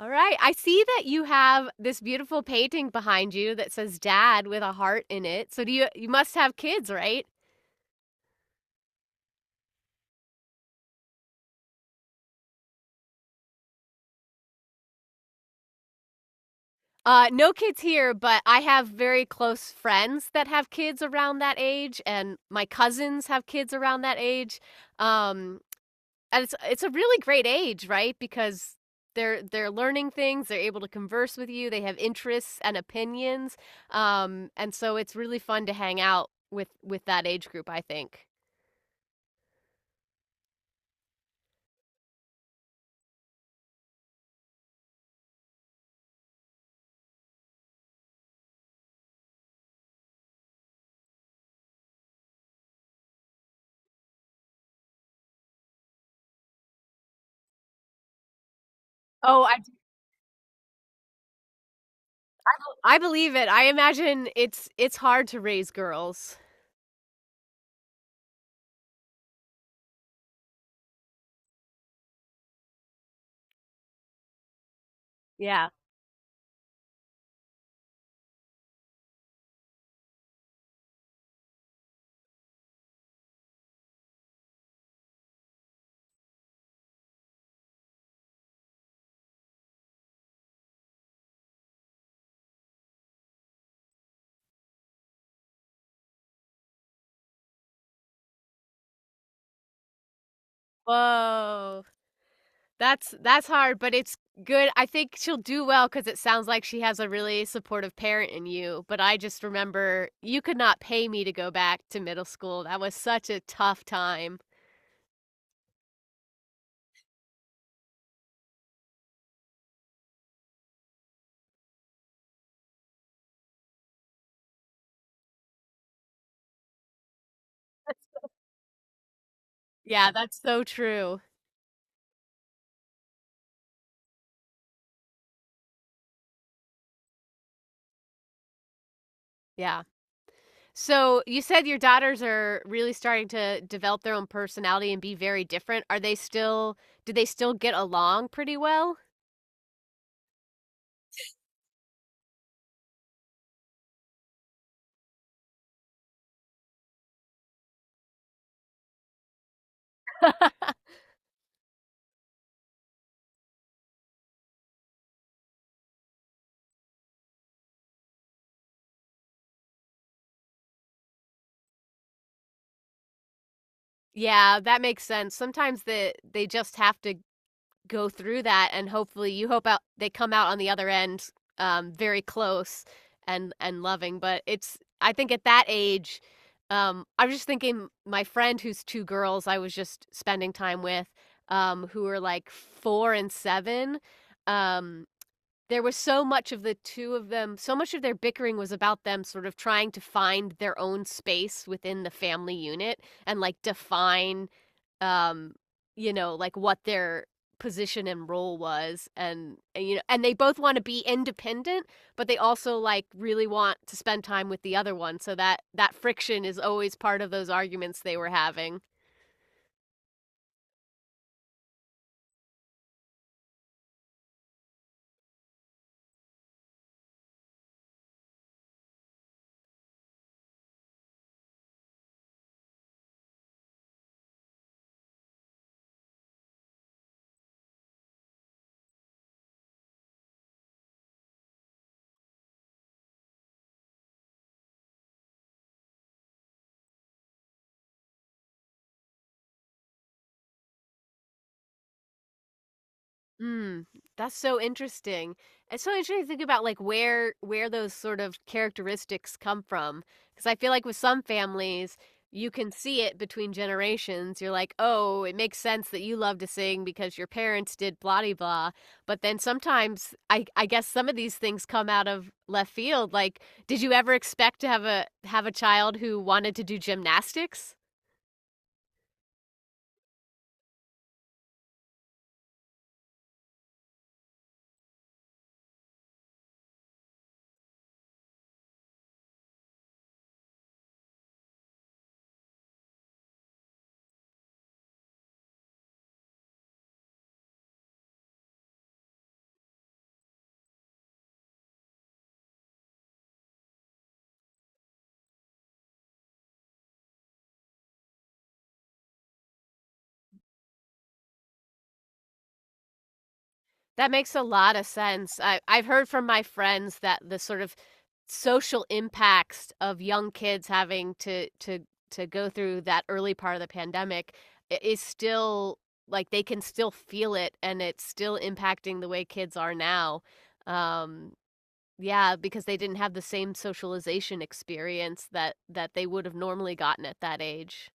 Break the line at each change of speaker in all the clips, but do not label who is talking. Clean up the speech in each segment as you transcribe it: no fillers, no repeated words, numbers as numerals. Alright, I see that you have this beautiful painting behind you that says "Dad" with a heart in it, so do you you must have kids, right? No kids here, but I have very close friends that have kids around that age, and my cousins have kids around that age, um, and it's a really great age, right? Because they're learning things, they're able to converse with you, they have interests and opinions, and so it's really fun to hang out with that age group, I think. Oh, I believe it. I imagine it's hard to raise girls. Yeah. Whoa. That's hard, but it's good. I think she'll do well because it sounds like she has a really supportive parent in you. But I just remember you could not pay me to go back to middle school. That was such a tough time. Yeah, that's so true. Yeah. So you said your daughters are really starting to develop their own personality and be very different. Do they still get along pretty well? Yeah, that makes sense. Sometimes they just have to go through that and hopefully you hope out they come out on the other end, very close and loving, but it's I think at that age, I was just thinking my friend who's 2 girls I was just spending time with, who were like 4 and 7, um, there was so much of the 2 of them, so much of their bickering was about them sort of trying to find their own space within the family unit and, like, define um, you know, like what their position and role was, and you know, and they both want to be independent but they also like really want to spend time with the other one, so that that friction is always part of those arguments they were having. Mm, that's so interesting. It's so interesting to think about like where those sort of characteristics come from, because I feel like with some families, you can see it between generations. You're like, oh, it makes sense that you love to sing because your parents did blah de blah. But then sometimes, I guess some of these things come out of left field. Like, did you ever expect to have a child who wanted to do gymnastics? That makes a lot of sense. I've heard from my friends that the sort of social impacts of young kids having to go through that early part of the pandemic is still like they can still feel it and it's still impacting the way kids are now. Um, yeah, because they didn't have the same socialization experience that that they would have normally gotten at that age.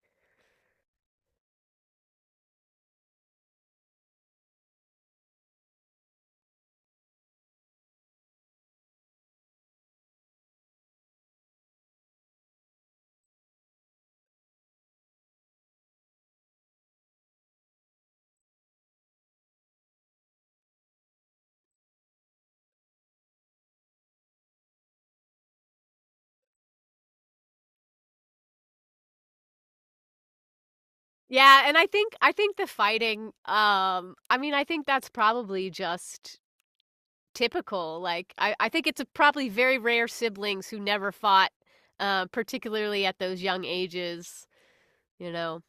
Yeah, and I think the fighting I mean I think that's probably just typical. I think it's a probably very rare siblings who never fought, particularly at those young ages. You know.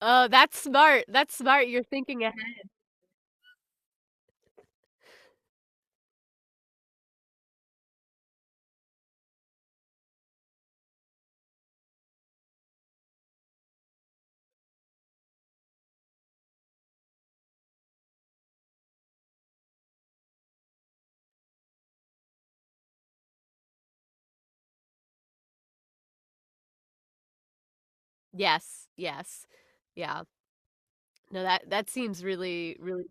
Oh, that's smart. That's smart. You're thinking ahead. Yes. Yes. Yeah. No, that seems really, really.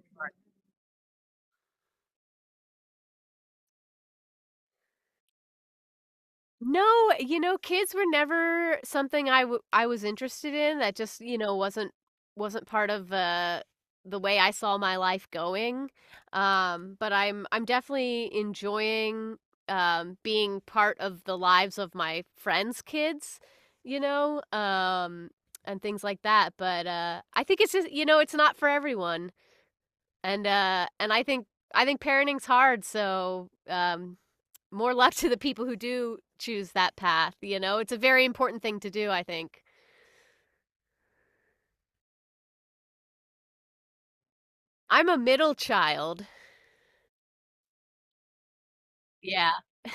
No, you know, kids were never something I was interested in, that just, you know, wasn't part of, the way I saw my life going, but I'm definitely enjoying, being part of the lives of my friends' kids, you know, and things like that, but, I think it's just you know, it's not for everyone, and I think parenting's hard, so, more luck to the people who do choose that path, you know? It's a very important thing to do, I think. I'm a middle child. Yeah.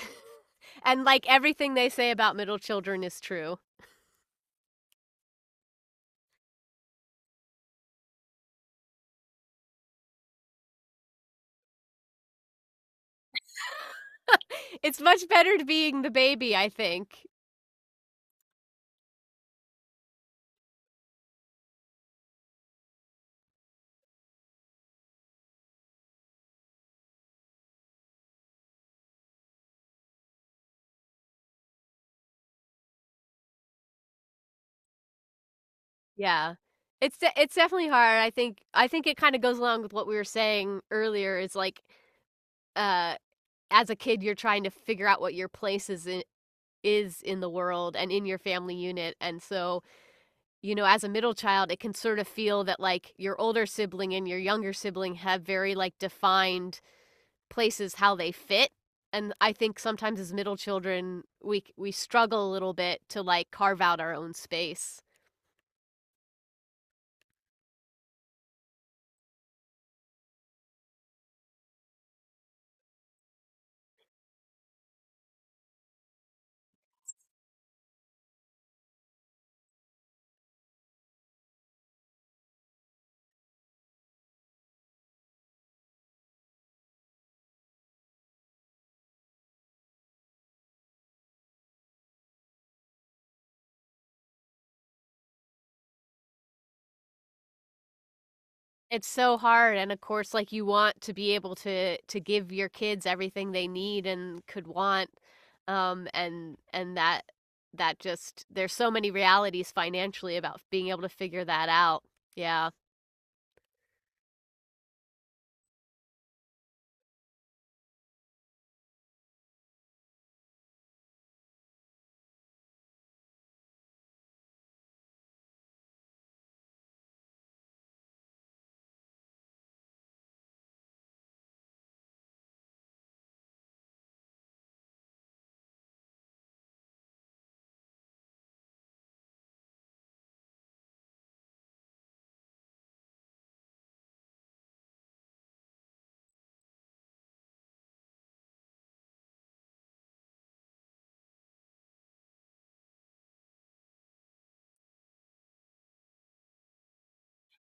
And, like, everything they say about middle children is true. It's much better to being the baby, I think. Yeah. It's definitely hard. I think it kinda goes along with what we were saying earlier is, like, uh, as a kid, you're trying to figure out what your place is in the world and in your family unit, and so you know, as a middle child, it can sort of feel that like your older sibling and your younger sibling have very like defined places how they fit. And I think sometimes as middle children, we struggle a little bit to like carve out our own space. It's so hard, and of course like you want to be able to give your kids everything they need and could want and and that just there's so many realities financially about being able to figure that out. Yeah.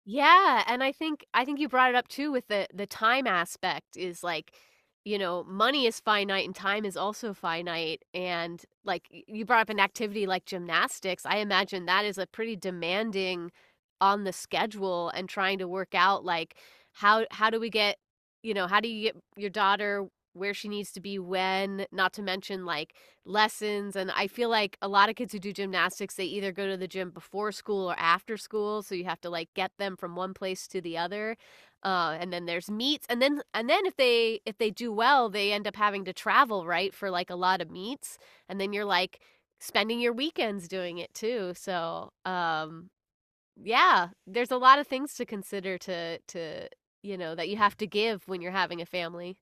Yeah, and I think you brought it up too with the time aspect is like, you know, money is finite and time is also finite. And like you brought up an activity like gymnastics. I imagine that is a pretty demanding on the schedule and trying to work out like how do we get, you know, how do you get your daughter where she needs to be when, not to mention like lessons, and I feel like a lot of kids who do gymnastics, they either go to the gym before school or after school, so you have to like get them from one place to the other. And then there's meets, and then if they do well, they end up having to travel, right, for like a lot of meets, and then you're like spending your weekends doing it too. So, yeah, there's a lot of things to consider to you know that you have to give when you're having a family.